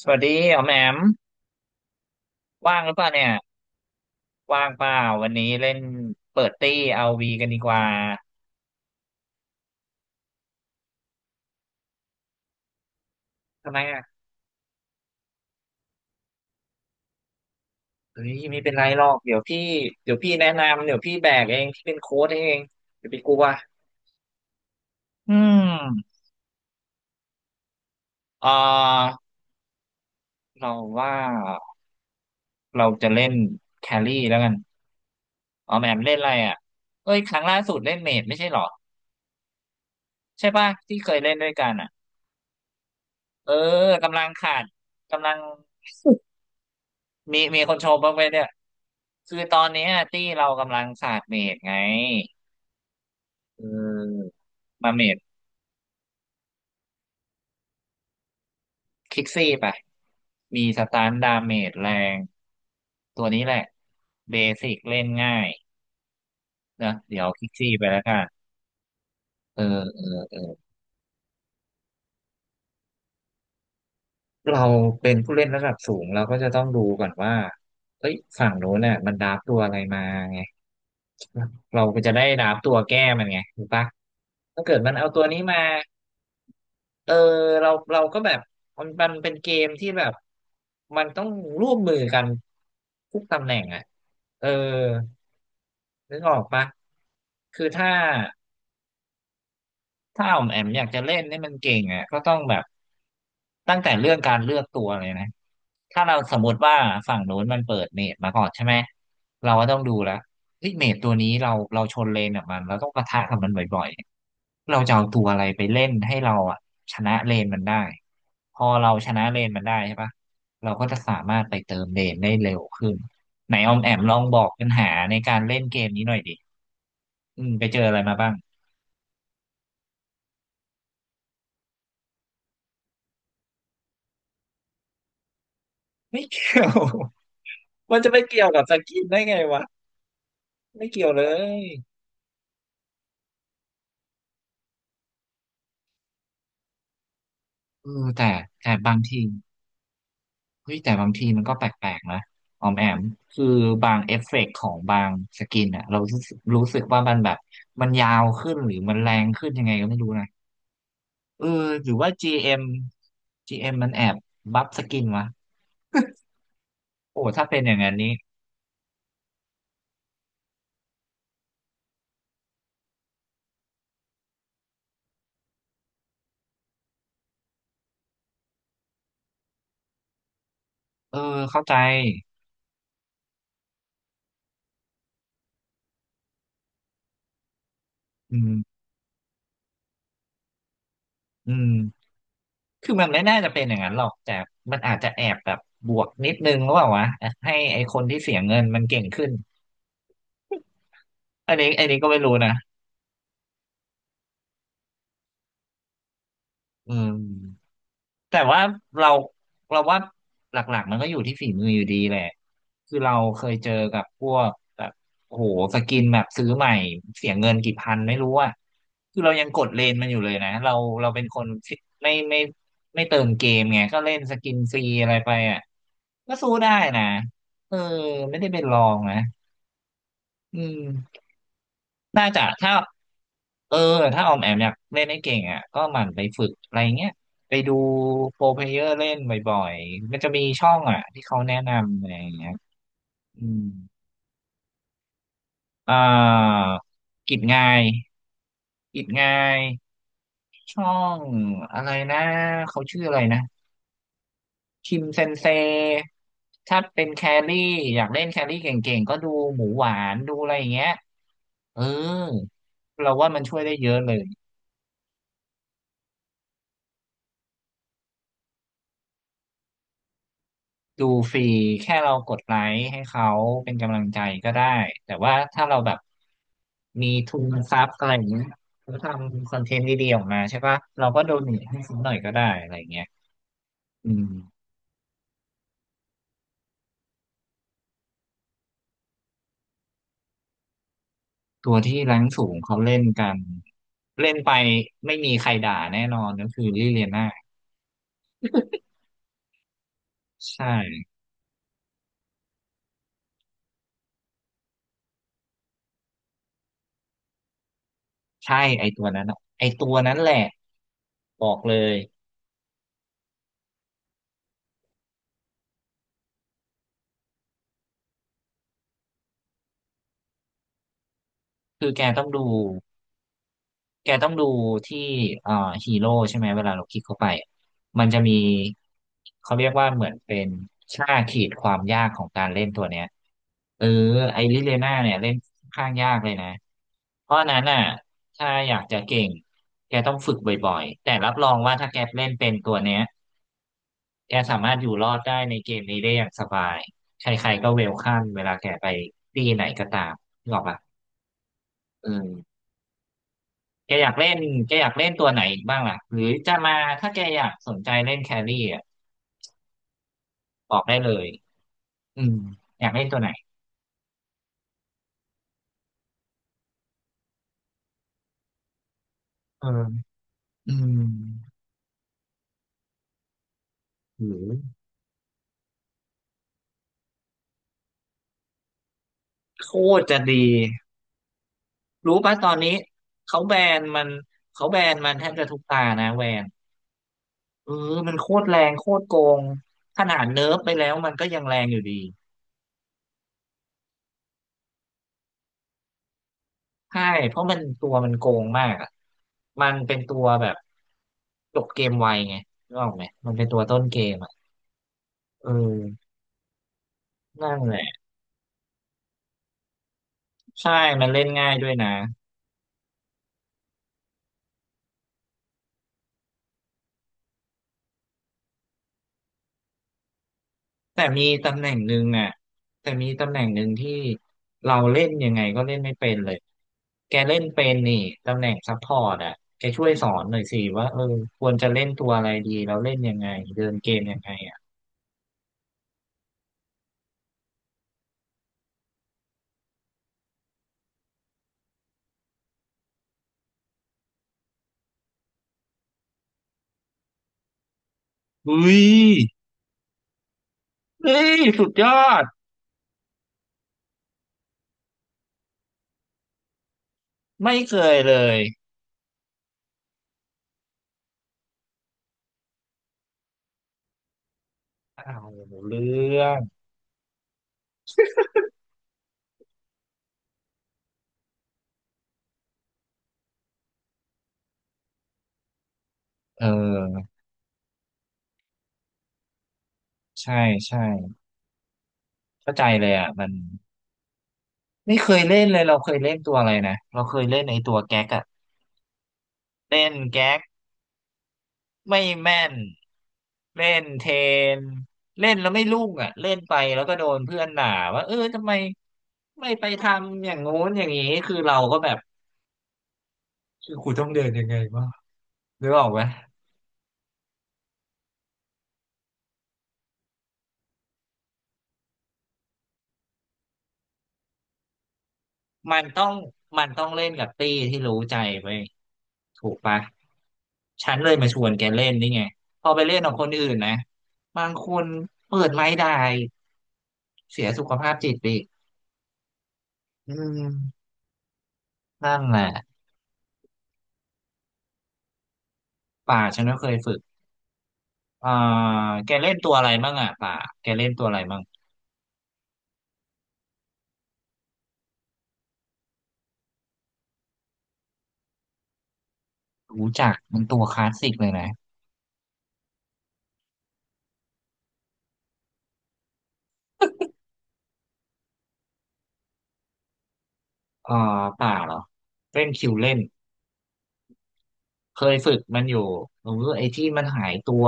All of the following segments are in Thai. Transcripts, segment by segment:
สวัสดีอ๋อมแอมว่างหรือเปล่าเนี่ยว่างเปล่าวันนี้เล่นเปิดตี้เอาวีกันดีกว่าทำไมอ่ะเฮ้ยไม่เป็นไรหรอกเดี๋ยวพี่เดี๋ยวพี่แนะนำเดี๋ยวพี่แบกเองพี่เป็นโค้ชเองอย่าไปกลัวอืมเอ่อเราว่าเราจะเล่นแครี่แล้วกันอ๋อมแอมมเล่นอะไรอ่ะเอ้ยครั้งล่าสุดเล่นเมจไม่ใช่หรอใช่ป่ะที่เคยเล่นด้วยกันอ่ะเออกำลังขาดกำลัง มีคนชมบ้างไหมเนี่ยคือตอนเนี้ยที่เรากำลังศาสตร์เมดไงเออมาเมดคิกซี่ไปมีสตานดาเมจแรงตัวนี้แหละเบสิกเล่นง่ายนะเดี๋ยวคิกซี่ไปแล้วกันเออเออเราเป็นผู้เล่นระดับสูงเราก็จะต้องดูก่อนว่าเอ้ยฝั่งโน้นน่ะมันดราฟตัวอะไรมาไงเราก็จะได้ดราฟตัวแก้มันไงถูกปะถ้าเกิดมันเอาตัวนี้มา เออเราก็แบบมันเป็นเกมที่แบบมันต้องร่วมมือกันทุกตำแหน่งอ่ะเออนึกออกปะคือถ้า ถ้าออมแอมอยากจะเล่นนี่มันเก่งอ่ะก็ต้องแบบตั้งแต่เรื่องการเลือกตัวเลยนะถ้าเราสมมติว่าฝั่งโน้นมันเปิดเมจมาก่อนใช่ไหมเราก็ต้องดูแล้วเฮ้ยเมจตัวนี้เราชนเลนกับมันเราต้องปะทะกับมันบ่อยๆเราจะเอาตัวอะไรไปเล่นให้เราอ่ะชนะเลนมันได้พอเราชนะเลนมันได้ใช่ปะเราก็จะสามารถไปเติมเลนได้เร็วขึ้นไหนออมแอมลองบอกปัญหาในการเล่นเกมนี้หน่อยดิอืมไปเจออะไรมาบ้างไม่เกี่ยว มันจะไปเกี่ยวกับสกินได้ไงวะไม่เกี่ยวเลยเออแต่แต่บางทีเฮ้ยแต่บางทีมันก็แปลกๆนะออมแอมคือบางเอฟเฟกต์ของบางสกินอะเรารู้สึกว่ามันแบบมันยาวขึ้นหรือมันแรงขึ้นยังไงก็ไม่รู้นะเออหรือว่า GM GM จีเอ็มมันแอบบัฟสกินวะโอ้ถ้าเป็นอย่างนั้นนี้เออเข้าใจอืมอืมคือมันไม่น่าจะเป็นอย่างนั้นหรอกแต่มันอาจจะแอบแบบบวกนิดนึงหรือเปล่าวะให้ไอคนที่เสียเงินมันเก่งขึ้น อันนี้ก็ไม่รู้นะอืมแต่ว่าเราเราว่าหลักๆมันก็อยู่ที่ฝีมืออยู่ดีแหละคือเราเคยเจอกับพวกแบบโอ้โหสกินแบบซื้อใหม่เสียเงินกี่พันไม่รู้อ่ะคือเรายังกดเลนมันอยู่เลยนะเราเราเป็นคนไม่ไม่ไม่เติมเกมไงก็เล่นสกินฟรีอะไรไปอ่ะก็สู้ได้นะเออไม่ได้เป็นรองนะอืม น่าจะถ้าเออถ้าออมแอมอยากเล่นให้เก่งอ่ะก็หมั่นไปฝึกอะไรเงี้ยไปดูโปรเพลเยอร์เล่นบ่อยๆมันจะมีช่องอ่ะที่เขาแนะนำอะไรอย่างเงี้ยอืมอ่ากิจงายกิจงายช่องอะไรนะเขาชื่ออะไรนะคิมเซนเซถ้าเป็นแครี่อยากเล่นแครี่เก่งๆก็ดูหมูหวานดูอะไรอย่างเงี้ยเออเราว่ามันช่วยได้เยอะเลย ดูฟรีแค่เรากดไลค์ให้เขาเป็นกำลังใจก็ได้แต่ว่าถ้าเราแบบมีทุนทรัพย์อะไรอย่างเงี้ยเขาทำคอนเทนต์ดีๆออกมาใช่ปะเราก็โดเนทให้เ้าหน่อยก็ได้อะไรอย่างเงี้ยอืมตัวที่แรงสูงเขาเล่นกันเล่นไปไม่มีใครด่าแน่นอนก็คือลิเลียน่าใช่ใช่ไอตัวนั้นอะไอตัวนั้นแหละบอกเลยคือแกต้องดู แกต้องดูที่เอ่อฮีโร่ใช่ไหมเวลาเราคลิกเข้าไปมันจะมีเขาเรียกว่าเหมือนเป็นค่าขีดความยากของการเล่นตัวเนี้ยเออไอริเลน่าเนี่ยเล่นค่อนข้างยากเลยนะเพราะฉะนั้นน่ะถ้าอยากจะเก่งแกต้องฝึกบ่อยๆแต่รับรองว่าถ้าแกเล่นเป็นตัวเนี้ยแกสามารถอยู่รอดได้ในเกมนี้ได้อย่างสบายใครๆก็เวลคัมเวลาแกไปที่ไหนก็ตามนึกออกปะเออ แกอยากเล่นแกอยากเล่นตัวไหนอีกบ้างล่ะหรือจะมาถ้าแกอยากสนใจเล่นแครี่อ่ะบอกได้เลยอืมอยากเล่นตัวไหนเอออืมหรือโคตรจะดีรู้ป่ะตอนนี้เขาแบนมันเขาแบนมันแทบจะทุกตานะแวนเออมันโคตรแรงโคตรโกงขนาดเนิร์ฟไปแล้วมันก็ยังแรงอยู่ดีใช่เพราะมันตัวมันโกงมากอะมันเป็นตัวแบบจบเกมไวไงรู้ออกไหมมันเป็นตัวต้นเกมอ่ะเออนั่นแหละ ใช่มันเล่นง่ายด้วยนะแต่มีตำแหน่งหนึ่งอ่ะแต่มีตำแหน่งหนึ่งที่เราเล่นยังไงก็เล่นไม่เป็นเลย แกเล่นเป็นนี่ตำแหน่งซัพพอร์ตอ่ะแกช่วยสอนหน่อยสิว่าเออควรจะเล่นตัวอะไรดีแล้วเล่นยังไงเดินเกมยังไงอ่ะอุ้ยเฮ้ยสุดยอดไม่เคยเลยอ้าวเรื่องเออใช่ใช่เข้าใจเลยอ่ะมันไม่เคยเล่นเลยเราเคยเล่นตัวอะไรนะเราเคยเล่นไอ้ตัวแก๊กอ่ะเล่นแก๊ก ไม่แม่นเล่นเทนเล่นแล้วไม่รุ่งอ่ะเล่นไปแล้วก็โดนเพื่อนด่าว่าเออทำไมไม่ไปทำอย่างงู้นอย่างนี้คือเราก็แบบคือกูต้องเดินยังไงวะหรือบอกว่ามันต้องมันต้องเล่นกับตี้ที่รู้ใจไปถูกปะฉันเลยมาชวนแกเล่นนี่ไงพอไปเล่นกับคนอื่นนะบางคนเปิดไม้ได้เสียสุขภาพจิตไปอีกอืมนั่นแหละป่าฉันก็เคยฝึก อ่าแกเล่นตัวอะไรมั่งอ่ะป่าแกเล่นตัวอะไรมั่งรู้จักมันตัวคลาสสิกเลยนะอ่าป่าเหรอเล่นคิวเล่นเคยฝึกมันอยู่หรือไอ้ที่มันหายตัว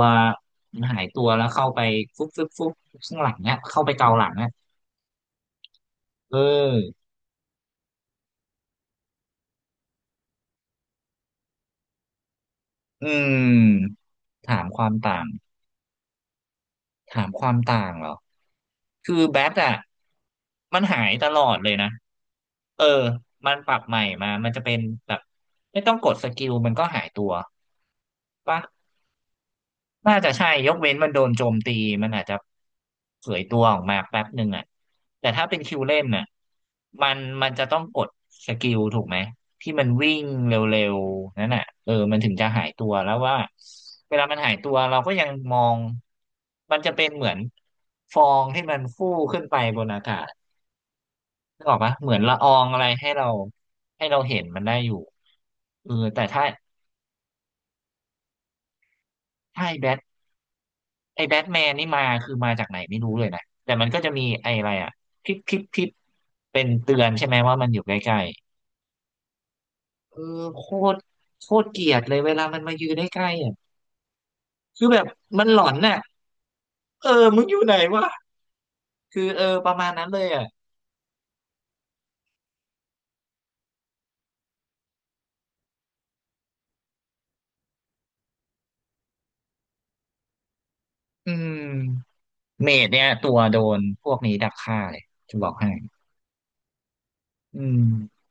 มันหายตัวแล้วเข้าไปฟุบฟุบฟุบข้างหลังเนี้ยเข้าไปเกาหลังเนี้ยเอออืมถามความต่างถามความต่างเหรอคือแบทอ่ะมันหายตลอดเลยนะเออมันปรับใหม่มามันจะเป็นแบบไม่ต้องกดสกิลมันก็หายตัว ปะน่าจะใช่ยกเว้นมันโดนโจมตีมันอาจจะเผยตัวออกมาแป๊บหนึ่งอ่ะแต่ถ้าเป็นคิวเล่นน่ะมันจะต้องกดสกิลถูกไหมที่มันวิ่งเร็วๆนั่นน่ะเออมันถึงจะหายตัวแล้วว่าเวลามันหายตัวเราก็ยังมองมันจะเป็นเหมือนฟองที่มันฟู่ขึ้นไปบนอากาศนึกออกปะเหมือนละอองอะไรให้เราเห็นมันได้อยู่เออแต่ถ้าถ้าไอ้แบท ไอ้แบทแมนนี่มาคือมาจากไหนไม่รู้เลยนะ แต่มันก็จะมีไอ้อะไรอ่ะพิบพิบพิบเป็นเตือนใช่ไหมว่ามันอยู่ใกล้ๆเออโคตรโคตรเกลียดเลยเวลามันมายืนใกล้ๆอ่ะคือแบบมันหลอนน่ะเออมึงอยู่ไหนวะคือเออประมาณนั้นเลยอ่ะอืมเมดเนี่ยตัวโดนพวกนี้ดักฆ่าเลยจะบอกให้อืม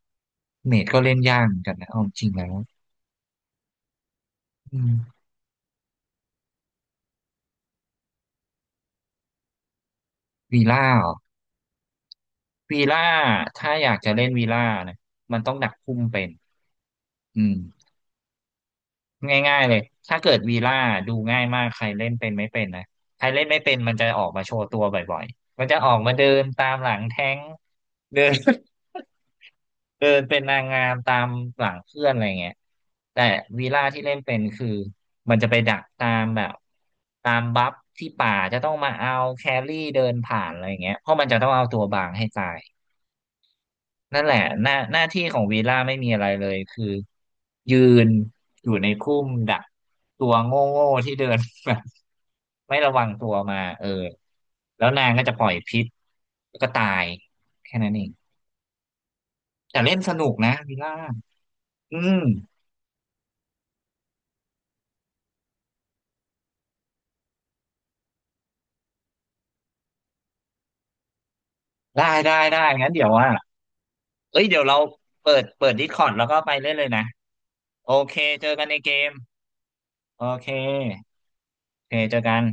เมดก็เล่นยากเหมือนกันนะเอาจริงแล้วอืมวีล่าเหรอวีล่าถ้าอยากจะเล่นวีล่านะมันต้องดักพุ่มเป็นอืม ง่ายๆเลยถ้าเกิดวีล่าดูง่ายมากใครเล่นเป็นไม่เป็นนะใครเล่นไม่เป็นมันจะออกมาโชว์ตัวบ่อยๆมันจะออกมาเดินตามหลังแท้งเดิน เดินเป็นนางงามตามหลังเพื่อนอะไรเงี้ยแต่วีล่าที่เล่นเป็นคือมันจะไปดักตามแบบตามบัฟที่ป่าจะต้องมาเอาแครี่เดินผ่านอะไรเงี้ยเพราะมันจะต้องเอาตัวบางให้ตาย นั่นแหละหน้าที่ของวีล่าไม่มีอะไรเลยคือยืนอยู่ในคุ้มดักตัวโง่โง่ที่เดิน แบบไม่ระวังตัวมาเออแล้วนางก็จะปล่อยพิษแล้วก็ตายแค่นั้นเองแต่เล่นสนุกนะวีล่าอืมได้ได้ได้งั้นเดี๋ยวว่าเอ้ยเดี๋ยวเราเปิดดิสคอร์ดแล้วก็ไปเล่นเลยนะโอเคเจอกันในเกมโอเคโอเคเจอกัน